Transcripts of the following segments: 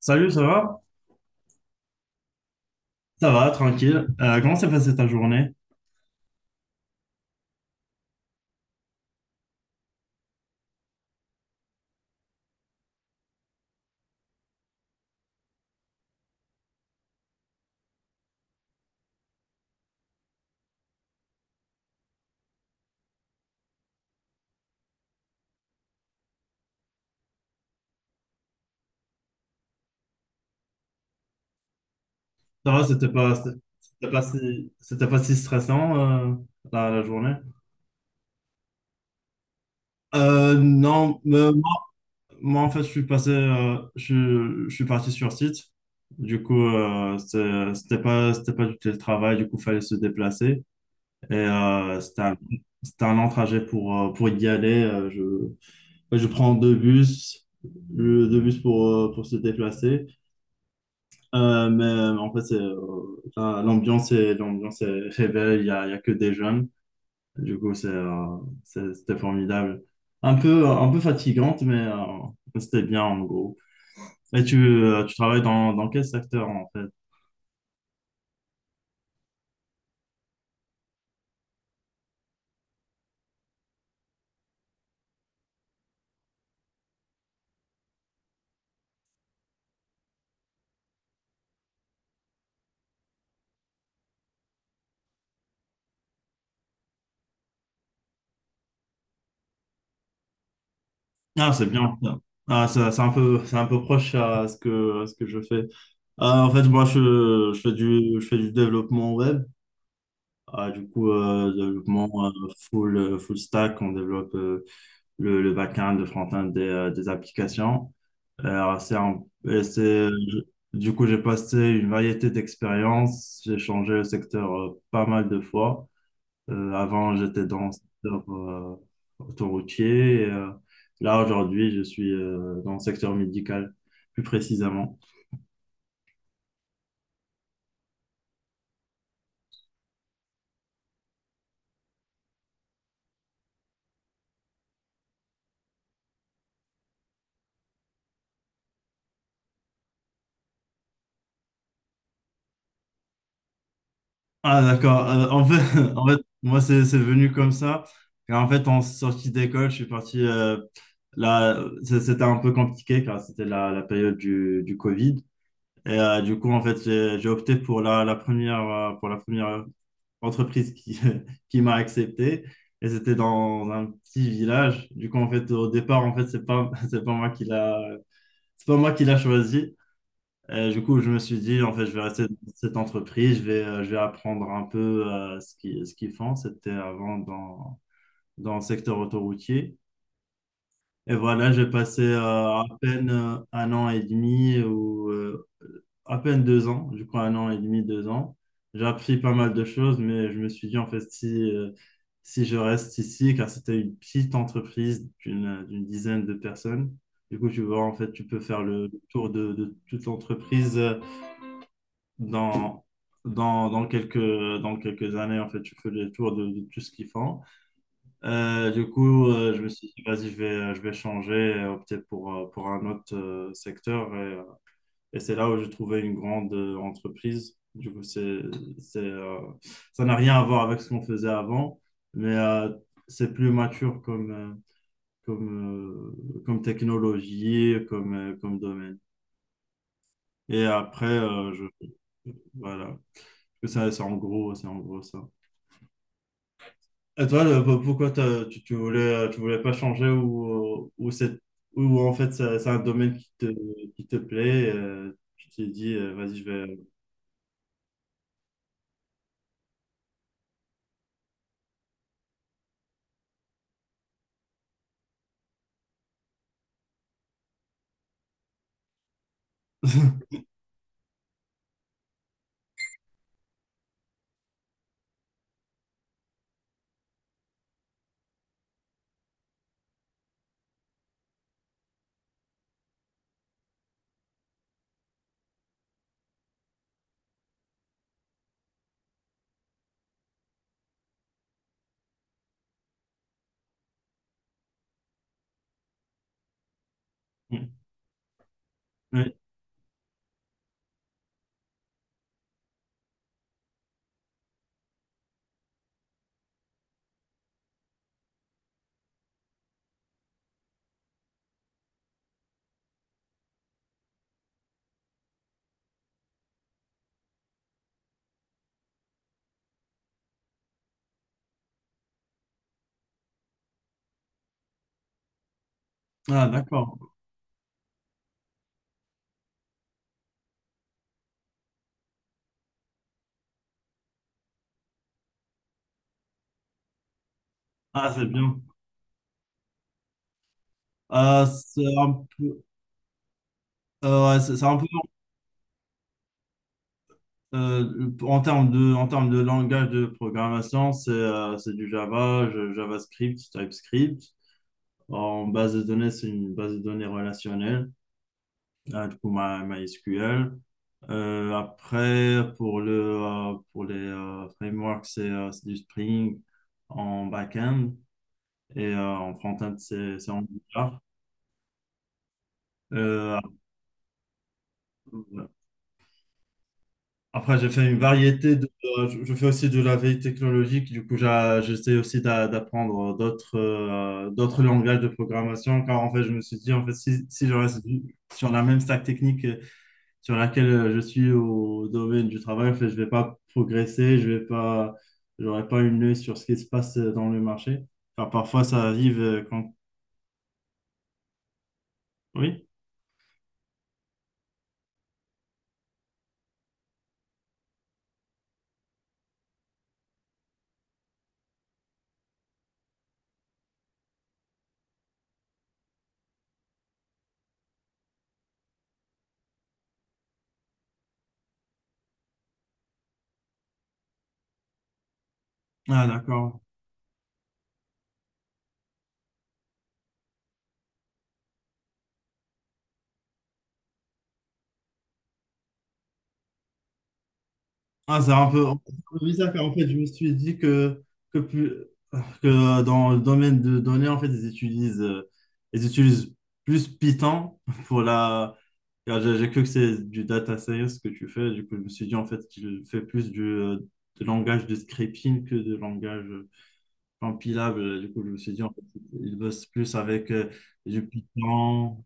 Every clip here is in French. Salut, ça va? Ça va, tranquille. Comment s'est passée ta journée? Ça va, c'était c'était pas si stressant, euh, la journée? Non, mais moi, en fait, je suis passé, je suis parti sur site. Du coup, c'était pas du télétravail. Du coup, fallait se déplacer. Et c'était c'était un long trajet pour y aller. Ouais, je prends deux bus, deux bus pour se déplacer. En fait, l'ambiance est belle. Il y a que des jeunes. Du coup, c'était formidable. Un peu fatigante, c'était bien en gros. Et tu travailles dans quel secteur en fait? Ah, c'est bien. Ah, c'est un peu proche à ce à ce que je fais. Ah, en fait, je fais je fais du développement web. Ah, du coup, développement full stack. On développe le back-end, le front-end des applications. Alors, c'est un- et c'est, du coup, j'ai passé une variété d'expériences. J'ai changé le secteur pas mal de fois. Avant, j'étais dans le secteur autoroutier. Et, là, aujourd'hui, je suis dans le secteur médical, plus précisément. Ah, d'accord. En fait, en fait, moi, c'est venu comme ça. Et en fait, en sortie d'école, je suis parti. Là, c'était un peu compliqué car c'était la période du Covid. Et du coup, en fait, j'ai opté pour la première, pour la première entreprise qui, qui m'a accepté. Et c'était dans un petit village. Du coup, en fait, au départ, en fait, c'est pas, c'est pas moi qui c'est pas moi qui l'a choisi. Et du coup, je me suis dit, en fait, je vais rester dans cette entreprise, je vais apprendre un peu ce ce qu'ils font. C'était avant dans le secteur autoroutier. Et voilà, j'ai passé à peine un an et demi à peine deux ans, du coup un an et demi, deux ans. J'ai appris pas mal de choses, mais je me suis dit en fait si je reste ici, car c'était une petite entreprise d'une dizaine de personnes, du coup tu vois en fait tu peux faire le tour de toute l'entreprise dans, dans quelques années, en fait tu fais le tour de tout ce qu'ils font. Je me suis dit vas-y je vais changer et opter pour un autre secteur. Et c'est là où j'ai trouvé une grande entreprise. Du coup, c'est, euh, ça n'a rien à voir avec ce qu'on faisait avant, mais c'est plus mature comme, comme, comme technologie, comme domaine. Et après, voilà. Ça, c'est en gros ça. Et toi, pourquoi tu voulais pas changer ou, ou en fait, c'est un domaine qui qui te plaît, tu t'es dit, vas-y, je vais. Oui, ah, d'accord. Ah, c'est bien. C'est un peu, ouais, c'est un peu En termes de, en termes de langage de programmation, c'est du Java, JavaScript, TypeScript. En base de données, c'est une base de données relationnelle, du coup, MySQL. Après, pour pour les frameworks, c'est du Spring en back-end et en front-end, c'est Angular. Euh, Après, j'ai fait une variété de. Je fais aussi de la veille technologique. Du coup, j'essaie aussi d'apprendre d'autres d'autres langages de programmation. Car en fait, je me suis dit, en fait, si je reste sur la même stack technique sur laquelle je suis au domaine du travail, en fait, je vais pas progresser. Je vais pas. J'aurai pas une œil sur ce qui se passe dans le marché. Car parfois, ça arrive quand. Oui? Ah, d'accord. Ah, c'est un peu bizarre car en fait, je me suis dit plus, que dans le domaine de données, en fait, ils utilisent plus Python pour la. Car j'ai cru que c'est du data science que tu fais. Du coup, je me suis dit en fait qu'il fait plus du de langage de scripting que de langage compilable. Du coup, je me suis dit en fait, il bosse plus avec du Python.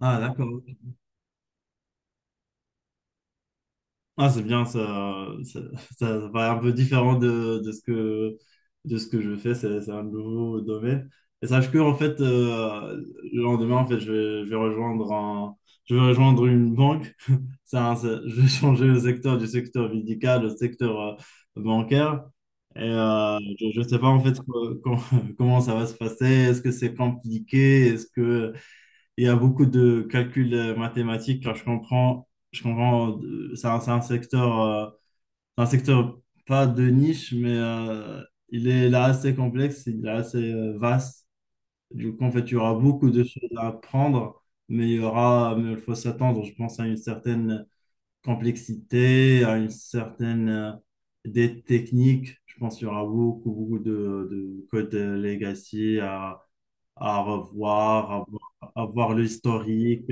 Ah, d'accord. Ok. Ah, c'est bien, ça paraît un peu différent de ce de ce que je fais, c'est un nouveau domaine. Et sache que, en fait, le lendemain, en fait, je vais rejoindre je vais rejoindre une banque. Je vais changer le secteur du secteur médical au secteur bancaire. Et je ne sais pas, en fait, comment ça va se passer. Est-ce que c'est compliqué? Est-ce que il y a beaucoup de calculs mathématiques, car je comprends, c'est c'est un secteur pas de niche, mais il est là assez complexe, il est assez vaste. Du coup, en fait, il y aura beaucoup de choses à apprendre, mais il y aura, mais il faut s'attendre, je pense, à une certaine complexité, à une certaine, des techniques. Je pense qu'il y aura beaucoup, beaucoup de codes legacy à revoir, à voir l'historique.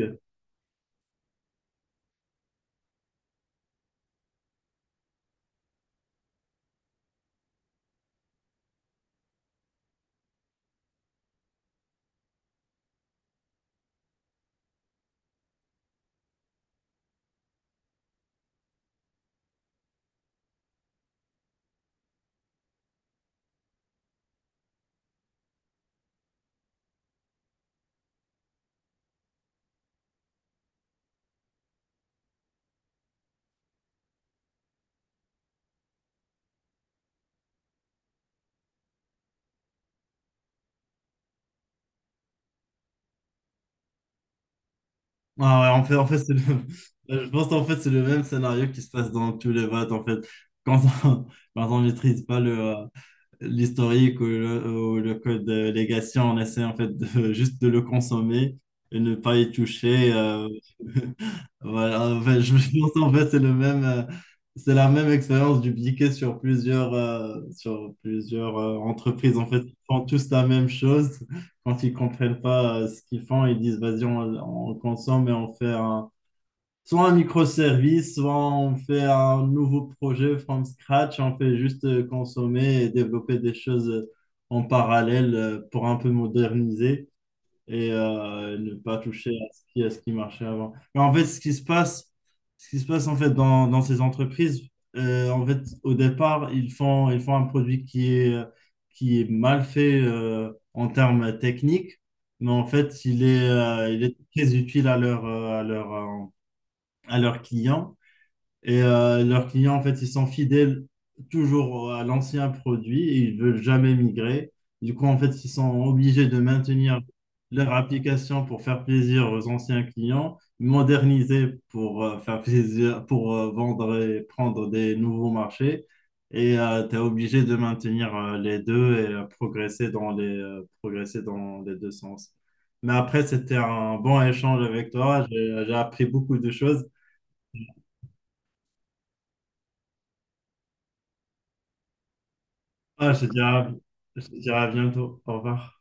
Ah ouais, en fait, c'est le… Je pense qu'en fait, c'est le même scénario qui se passe dans tous les votes, en fait. Quand on, quand on maîtrise pas l'historique ou le code de légation, on essaie en fait de, juste de le consommer et ne pas y toucher. Voilà, en fait, je pense en fait c'est la même expérience dupliquée sur plusieurs entreprises. En fait, ils font tous la même chose. Quand ils comprennent pas ce qu'ils font, ils disent vas-y, on consomme et on fait un soit un microservice, soit on fait un nouveau projet from scratch, on fait juste consommer et développer des choses en parallèle pour un peu moderniser et ne pas toucher à ce à ce qui marchait avant. Mais en fait, ce qui se passe en fait dans ces entreprises, en fait, au départ, ils font un produit qui est mal fait en termes techniques, mais en fait, il est très utile à leur, à leurs clients. Et leurs clients, en fait, ils sont fidèles toujours à l'ancien produit et ils veulent jamais migrer. Du coup, en fait, ils sont obligés de maintenir leur application pour faire plaisir aux anciens clients, moderniser pour faire plaisir, pour vendre et prendre des nouveaux marchés. Et tu es obligé de maintenir les deux et progresser dans progresser dans les deux sens. Mais après, c'était un bon échange avec toi. J'ai appris beaucoup de choses. Ah, je te dirai à bientôt. Au revoir.